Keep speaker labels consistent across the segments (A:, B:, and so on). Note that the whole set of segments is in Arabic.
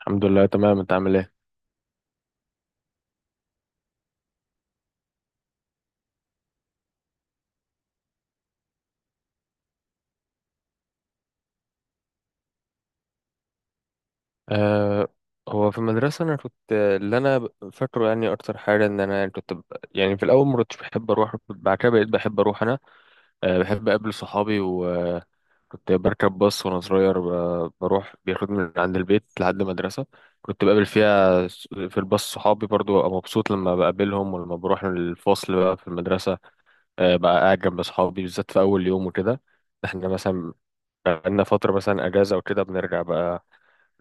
A: الحمد لله تمام. انت عامل ايه؟ أه، هو في المدرسه انا كنت فاكره، يعني اكتر حاجه ان انا يعني كنت. يعني في الاول ما كنتش بحب اروح، بعد كده بقيت بحب اروح انا. أه، بحب اقابل صحابي وكنت بركب باص وانا صغير، بروح بياخدني من عند البيت لحد المدرسه. كنت بقابل فيها في الباص صحابي، برضو ابقى مبسوط لما بقابلهم، ولما بروح الفصل بقى في المدرسه. أه، بقى قاعد جنب صحابي بالذات في اول يوم وكده. احنا مثلا بقالنا فتره مثلا اجازه وكده بنرجع بقى.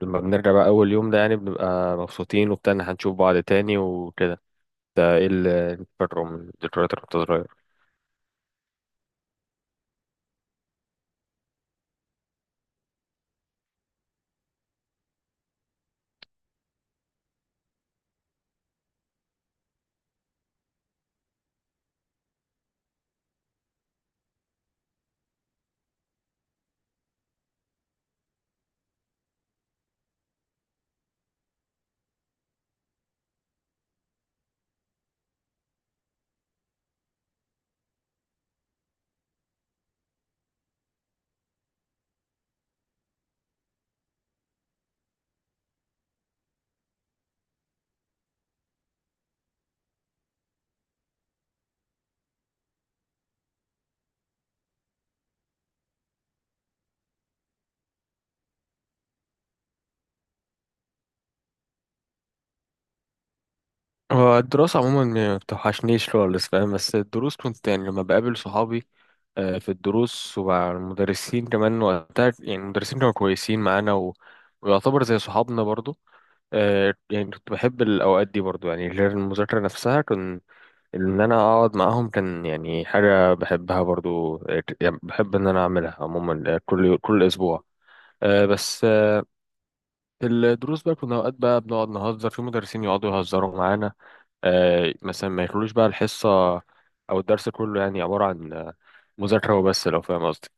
A: لما بنرجع بقى أول يوم ده يعني بنبقى مبسوطين وبتاع إن هنشوف بعض تاني وكده. ده إيه اللي بره من الذكريات اللي كنت صغير. هو الدراسة عموما ما بتوحشنيش خالص، فاهم؟ بس الدروس كنت يعني لما بقابل صحابي. في الدروس ومع المدرسين كمان، وقتها يعني المدرسين كانوا كويسين معانا. ويعتبر زي صحابنا برضو. يعني كنت بحب الأوقات دي برضو، يعني غير المذاكرة نفسها كنت ان انا اقعد معاهم، كان يعني حاجه بحبها برضو. يعني بحب ان انا اعملها عموما، كل اسبوع. بس في الدروس بقى كنا اوقات بقى بنقعد نهزر، في مدرسين يقعدوا يهزروا معانا. مثلا ما يخلوش بقى الحصه او الدرس كله، يعني عباره عن مذاكره وبس، لو فاهم قصدي.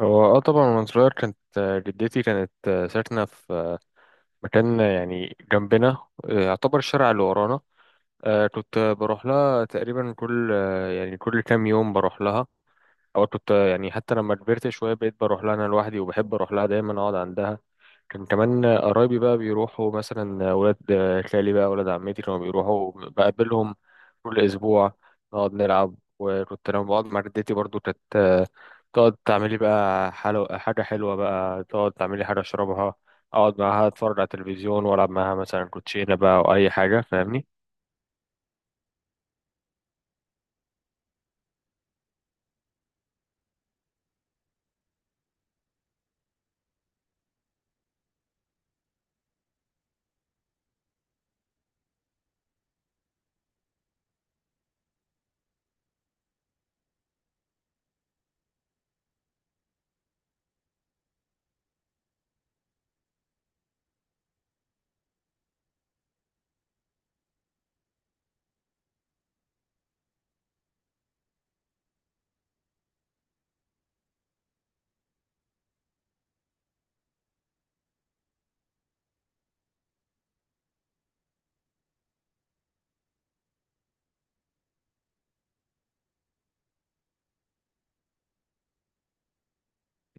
A: هو طبعا وانا صغير كانت جدتي كانت ساكنه في مكان يعني جنبنا. يعتبر الشارع اللي ورانا. كنت بروح لها تقريبا كل آه، يعني كل كام يوم بروح لها. او كنت يعني حتى لما كبرت شويه بقيت بروح لها انا لوحدي، وبحب اروح لها دايما اقعد عندها. كان كمان قرايبي بقى بيروحوا، مثلا ولاد خالي بقى ولاد عمتي كانوا بيروحوا بقابلهم كل اسبوع. نقعد نلعب. وكنت لما بقعد مع جدتي برضو كانت تقعد تعملي بقى حلو حاجه حلوه، بقى تقعد تعملي حاجه اشربها، اقعد معاها اتفرج على التلفزيون والعب معاها مثلا كوتشينه بقى او اي حاجه، فاهمني.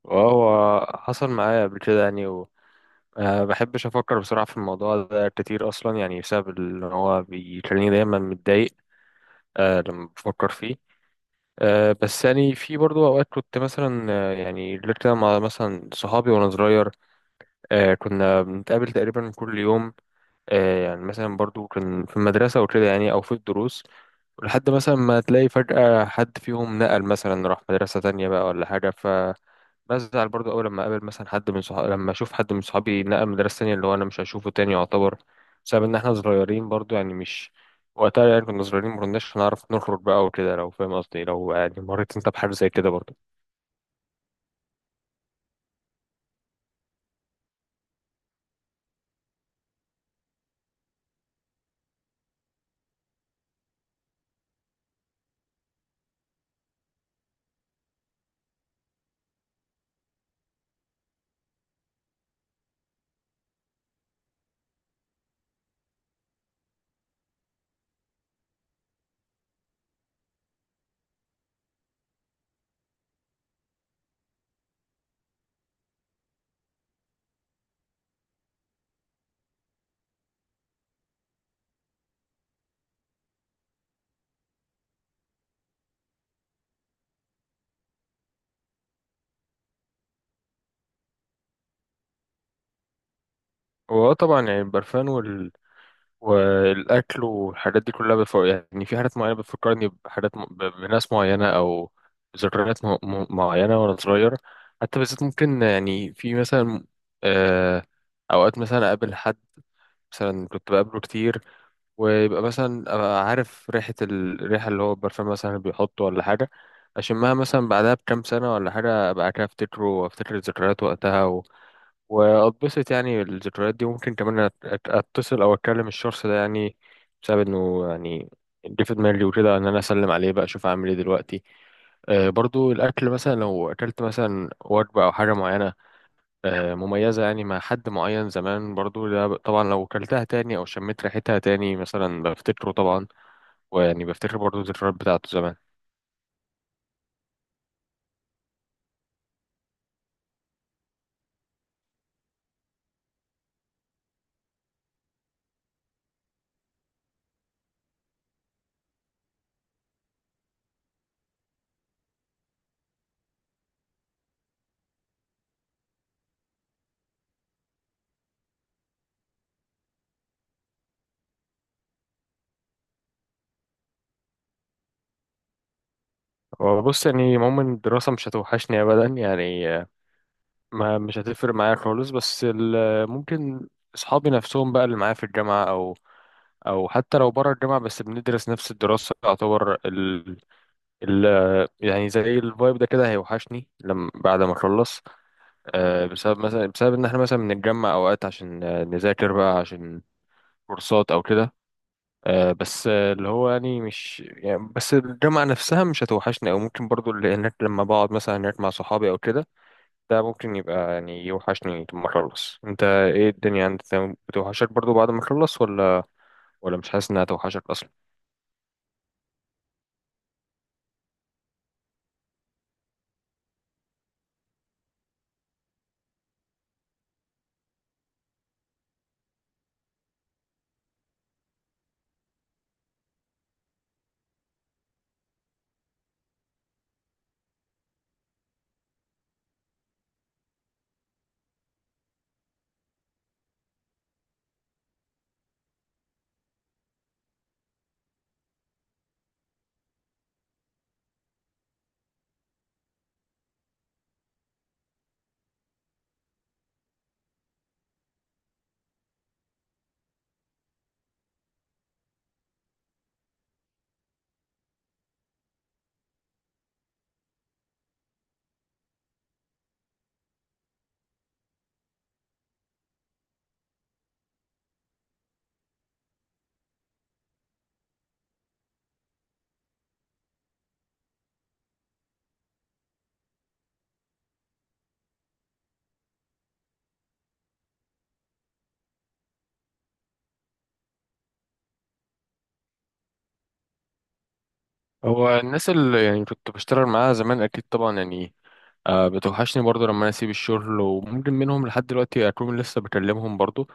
A: وهو حصل معايا قبل كده يعني. أه، بحبش أفكر بسرعة في الموضوع ده كتير أصلا، يعني بسبب إن هو بيخليني دايما متضايق أه لما بفكر فيه. أه، بس يعني في برضو أوقات كنت مثلا، يعني غير كده مع مثلا صحابي وأنا صغير. أه، كنا بنتقابل تقريبا كل يوم. أه، يعني مثلا برضو كان في المدرسة وكده يعني أو في الدروس، لحد مثلا ما تلاقي فجأة حد فيهم نقل مثلا راح مدرسة تانية بقى ولا حاجة. بزعل برضو أول لما أقابل مثلا حد من صحابي، لما أشوف حد من صحابي نقل مدرسة تانية، اللي هو أنا مش هشوفه تاني يعتبر، بسبب إن إحنا صغيرين برضو، يعني مش وقتها، يعني كنا صغيرين مكناش هنعرف نخرج بقى وكده، لو فاهم قصدي، لو يعني مريت أنت بحاجة زي كده برضو. وهو طبعا يعني البرفان والأكل والحاجات دي كلها يعني في حاجات معينة بتفكرني بحاجات بناس معينة، أو ذكريات معينة وأنا صغير. حتى بالذات ممكن يعني في مثلا آه... أوقات مثلا أقابل حد مثلا كنت بقابله كتير، ويبقى مثلا أبقى عارف ريحة الريحة اللي هو البرفان مثلا اللي بيحطه ولا حاجة، أشمها مثلا بعدها بكام سنة ولا حاجة أبقى كده أفتكره وأفتكر الذكريات وقتها. وأتبسط. يعني الذكريات دي ممكن كمان أتصل أو أتكلم الشخص ده يعني، بسبب إنه يعني جه في دماغي وكده إن أنا أسلم عليه بقى، أشوف أعمل إيه دلوقتي. برضو الأكل مثلا، لو أكلت مثلا وجبة أو حاجة معينة مميزة يعني مع حد معين زمان برضو، ده طبعا لو كلتها تاني أو شميت ريحتها تاني مثلا بفتكره طبعا. ويعني بفتكر برضو الذكريات بتاعته زمان. وبص، يعني عموما الدراسة مش هتوحشني أبدا يعني، ما مش هتفرق معايا خالص، بس ممكن أصحابي نفسهم بقى اللي معايا في الجامعة، أو او حتى لو بره الجامعه بس بندرس نفس الدراسه، يعتبر ال... يعني زي الفايب ده كده هيوحشني بعد ما اخلص. بسبب مثلا، بسبب ان احنا مثلا بنتجمع اوقات عشان نذاكر بقى، عشان كورسات او كده. بس اللي هو يعني مش، يعني بس الجامعة نفسها مش هتوحشني، او ممكن برضو اللي هناك لما بقعد مثلا هناك مع صحابي او كده، ده ممكن يبقى يعني يوحشني لما اخلص. انت ايه الدنيا عندك، بتوحشك برضو بعد ما اخلص ولا؟ مش حاسس انها توحشك اصلا؟ هو الناس اللي يعني كنت بشتغل معاها زمان اكيد طبعا، يعني بتوحشني برضو لما انا اسيب الشغل، وممكن منهم لحد دلوقتي اكون لسه بكلمهم برضو.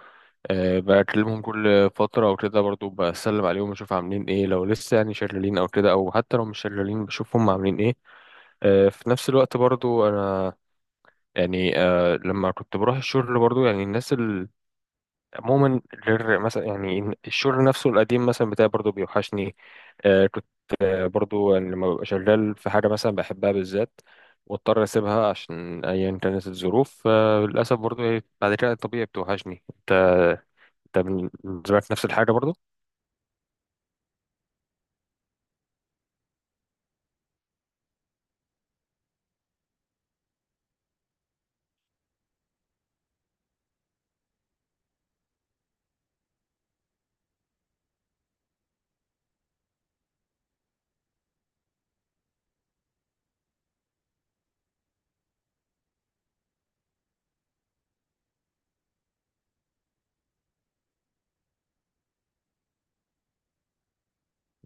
A: أه، بكلمهم كل فترة أو كده، برضو بسلم عليهم أشوف عاملين إيه لو لسه يعني شغالين أو كده، أو حتى لو مش شغالين بشوف هم عاملين إيه. أه، في نفس الوقت برضو أنا يعني لما كنت بروح الشغل برضو، يعني الناس عموما، غير مثلا يعني الشغل نفسه القديم مثلا بتاعي برضو بيوحشني. أه، كنت برضو يعني لما ببقى شغال في حاجة مثلا بحبها بالذات، واضطر أسيبها عشان أيا كانت الظروف، للأسف برضو إيه، بعد كده طبيعي بتوحشني. أنت، أنت بالنسبة لك نفس الحاجة برضو؟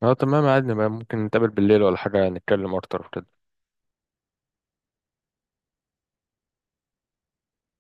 A: اه، تمام، عادي بقى، ممكن نتقابل بالليل ولا حاجة نتكلم أكتر وكده.